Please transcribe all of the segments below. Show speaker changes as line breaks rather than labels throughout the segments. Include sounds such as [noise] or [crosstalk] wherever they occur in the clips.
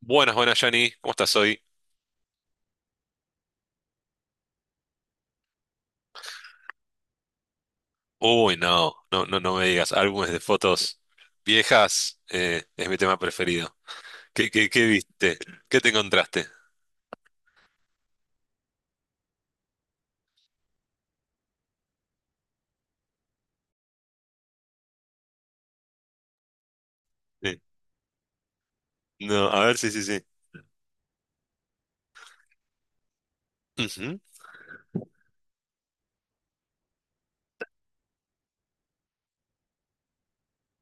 Buenas, buenas, Yanni. ¿Cómo estás hoy? Uy, no, no, no, no me digas. Álbumes de fotos viejas, es mi tema preferido. ¿Qué viste? ¿Qué te encontraste? Sí. No, a ver, sí, sí, sí. Ujú,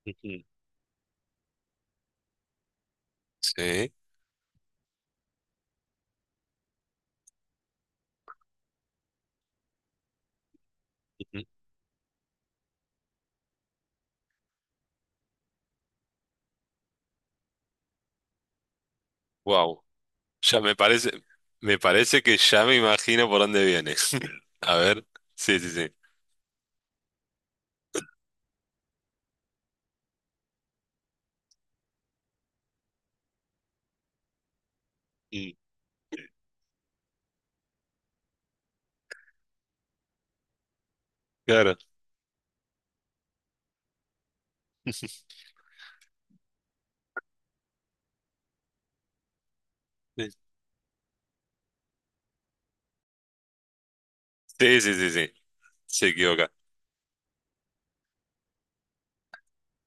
ujú. Sí. Wow. Ya me parece, Me parece que ya me imagino por dónde viene. [laughs] A ver, sí, sí, sí. Mm, claro. [laughs] Sí, sí, sí, sí, sí. Se equivoca.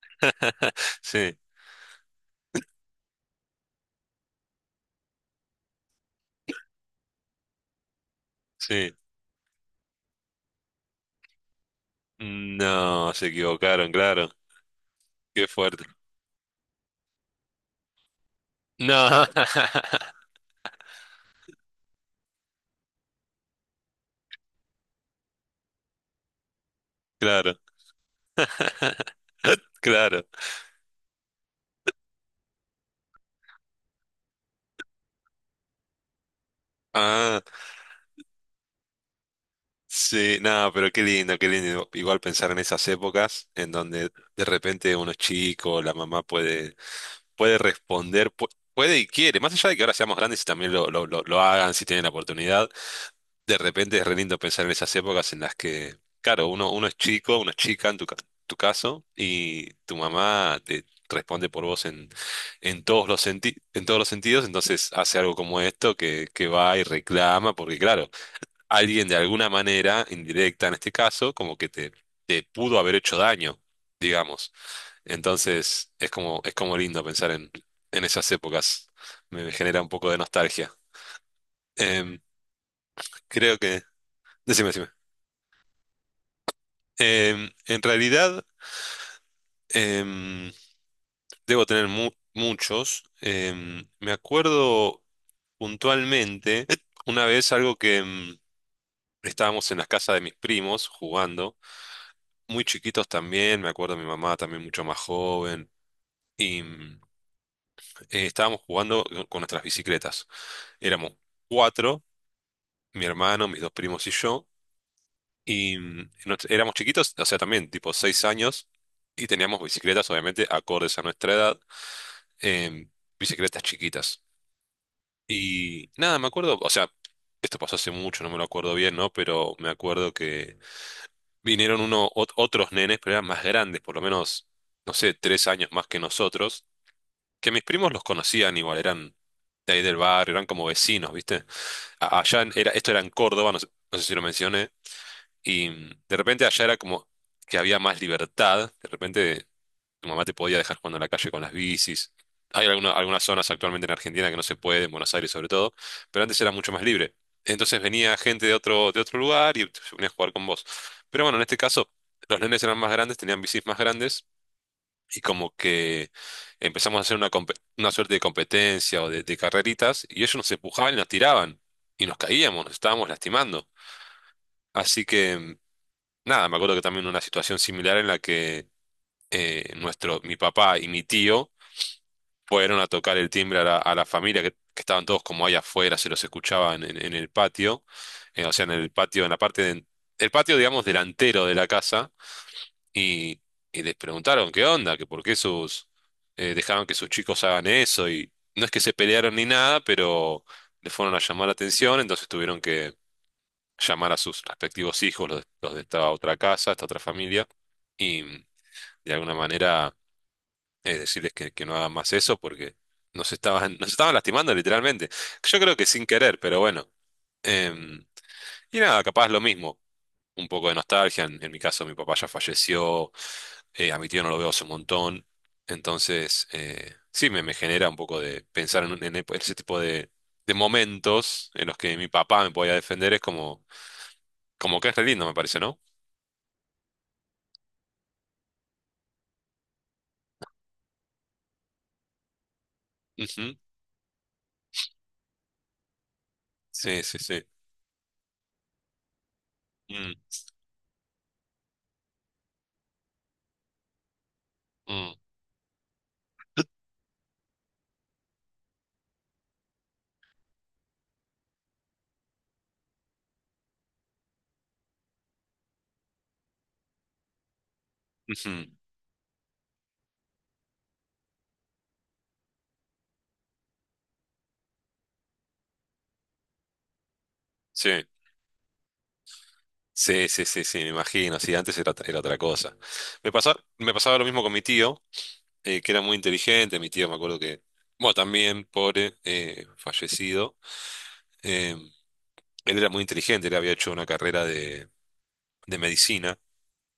[laughs] Sí, sí. No, se equivocaron, claro. Qué fuerte. No, [laughs] claro. [laughs] Claro. Ah, sí, no, pero qué lindo, qué lindo. Igual pensar en esas épocas en donde de repente uno es chico, la mamá puede, responder, puede y quiere, más allá de que ahora seamos grandes y también lo hagan si tienen la oportunidad. De repente es re lindo pensar en esas épocas en las que, claro, uno es chico, una chica en tu caso, y tu mamá te responde por vos en, todos los sentidos, entonces hace algo como esto que va y reclama, porque claro, alguien de alguna manera, indirecta en este caso, como que te pudo haber hecho daño, digamos. Entonces es como, lindo pensar en esas épocas. Me genera un poco de nostalgia. Em, Creo que... Decime, decime. En realidad, em, debo tener muchos. Me acuerdo puntualmente una vez algo que, estábamos en la casa de mis primos jugando, muy chiquitos también. Me acuerdo, mi mamá también mucho más joven, y estábamos jugando con nuestras bicicletas. Éramos cuatro, mi hermano, mis dos primos y yo, y éramos chiquitos, o sea, también tipo 6 años, y teníamos bicicletas, obviamente, acordes a nuestra edad. em, Bicicletas chiquitas. Y nada, me acuerdo, o sea, esto pasó hace mucho, no me lo acuerdo bien, ¿no? Pero me acuerdo que vinieron otros nenes, pero eran más grandes, por lo menos, no sé, 3 años más que nosotros, que mis primos los conocían igual, eran de ahí del barrio, eran como vecinos, ¿viste? Esto era en Córdoba, no sé, si lo mencioné, y de repente allá era como que había más libertad. De repente tu mamá te podía dejar jugando en la calle con las bicis. Hay algunas zonas actualmente en Argentina que no se puede, en Buenos Aires sobre todo, pero antes era mucho más libre. Entonces venía gente de otro lugar y se venía a jugar con vos. Pero bueno, en este caso, los nenes eran más grandes, tenían bicis más grandes, y como que empezamos a hacer una suerte de competencia o de carreritas, y ellos nos empujaban y nos tiraban y nos caíamos, nos estábamos lastimando. Así que, nada, me acuerdo que también una situación similar en la que mi papá y mi tío fueron a tocar el timbre a la familia, que estaban todos como ahí afuera, se los escuchaban en, el patio, o sea, en el patio, en la parte de- el patio, digamos, delantero de la casa, y, y les preguntaron qué onda, que por qué dejaban que sus chicos hagan eso. Y no es que se pelearon ni nada, pero le fueron a llamar la atención. Entonces tuvieron que llamar a sus respectivos hijos, de los de esta otra casa, esta otra familia, y de alguna manera, decirles que, no hagan más eso, porque nos estaban, [laughs] nos estaban lastimando literalmente. Yo creo que sin querer, pero bueno. Em, y nada, capaz lo mismo. Un poco de nostalgia. en, mi caso, mi papá ya falleció. A mi tío no lo veo hace un montón. Entonces, sí, me genera un poco de pensar en ese tipo de momentos en los que mi papá me podía defender. Es como, como que es re lindo, me parece, ¿no? Ujú. Sí, sí, sí. Mm, mm, ujú. Sí. Sí, sí, sí, sí, me imagino. Sí, antes era otra cosa. Me pasaba lo mismo con mi tío, que era muy inteligente. Mi tío, me acuerdo que, bueno, también pobre, fallecido. Eh, Él era muy inteligente, él había hecho una carrera de, medicina.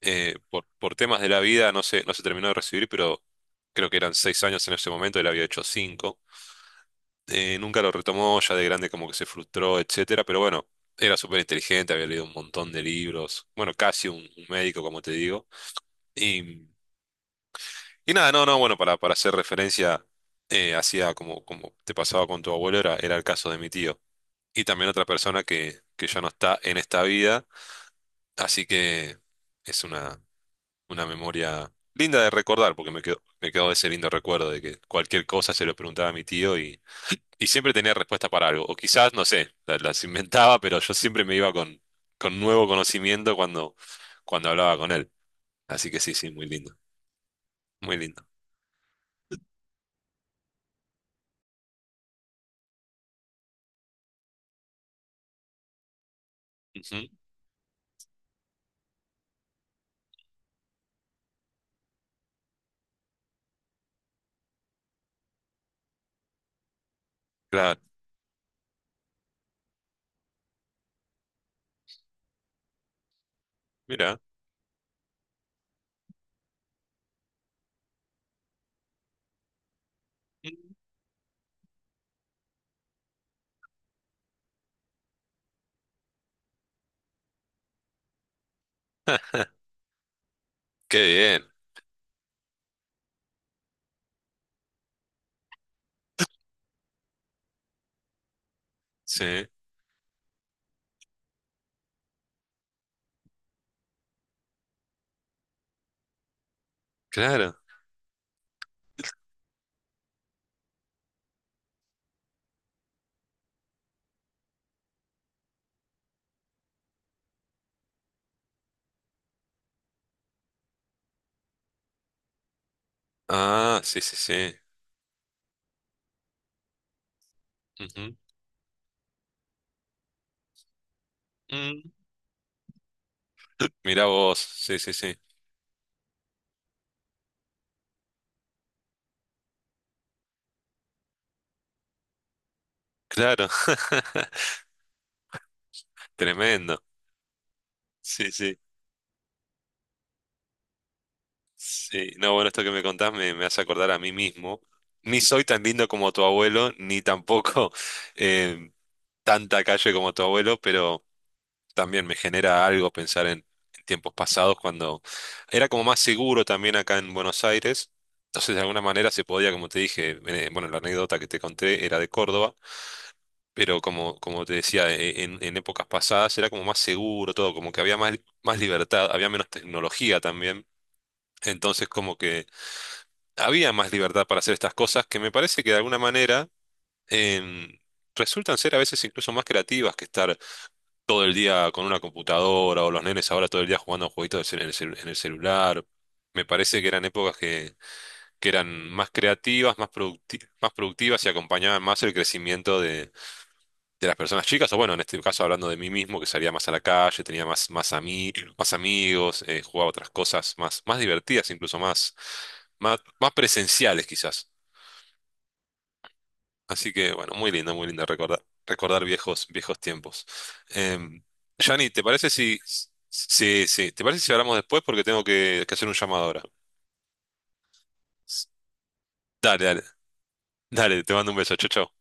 Por temas de la vida no se terminó de recibir, pero creo que eran 6 años en ese momento, él había hecho cinco. Nunca lo retomó, ya de grande como que se frustró, etcétera, pero bueno, era súper inteligente, había leído un montón de libros. Bueno, casi un médico, como te digo. Y, y, nada, no, no, bueno, para hacer referencia, hacía como te pasaba con tu abuelo, era, el caso de mi tío. Y también otra persona que ya no está en esta vida, así que es una, memoria linda de recordar, porque me quedó ese lindo recuerdo de que cualquier cosa se lo preguntaba a mi tío, y siempre tenía respuesta para algo. O quizás, no sé, las inventaba, pero yo siempre me iba con, nuevo conocimiento cuando hablaba con él. Así que sí, sí, muy lindo, muy lindo. Ujú, claro, mira. Mm, qué bien, sí, claro. Ah, sí, sí, sí. Ujú. Mm. Mirá vos, sí, sí, sí. Claro, [laughs] tremendo. Sí, sí, sí. No, bueno, esto que me contás me hace acordar a mí mismo. Ni soy tan lindo como tu abuelo, ni tampoco [laughs] eh, tanta calle como tu abuelo, pero... también me genera algo pensar en, tiempos pasados cuando era como más seguro también acá en Buenos Aires. Entonces, de alguna manera se podía, como te dije, bueno, la anécdota que te conté era de Córdoba, pero como, te decía, en épocas pasadas era como más seguro todo, como que había más libertad, había menos tecnología también. Entonces, como que había más libertad para hacer estas cosas que me parece que de alguna manera em, resultan ser a veces incluso más creativas que estar todo el día con una computadora, o los nenes ahora todo el día jugando a jueguitos del cel- en el celular. Me parece que eran épocas que, eran más creativas, más productivas, y acompañaban más el crecimiento de las personas chicas. O bueno, en este caso hablando de mí mismo, que salía más a la calle, tenía más amigos, jugaba otras cosas más, más, divertidas, incluso más presenciales quizás. Así que, bueno, muy lindo recordar viejos, viejos tiempos. Em, Johnny, ¿te parece si, sí, sí, ¿te parece si hablamos después? Porque tengo que, hacer un llamado ahora. Dale, dale, dale, te mando un beso, chau, chau.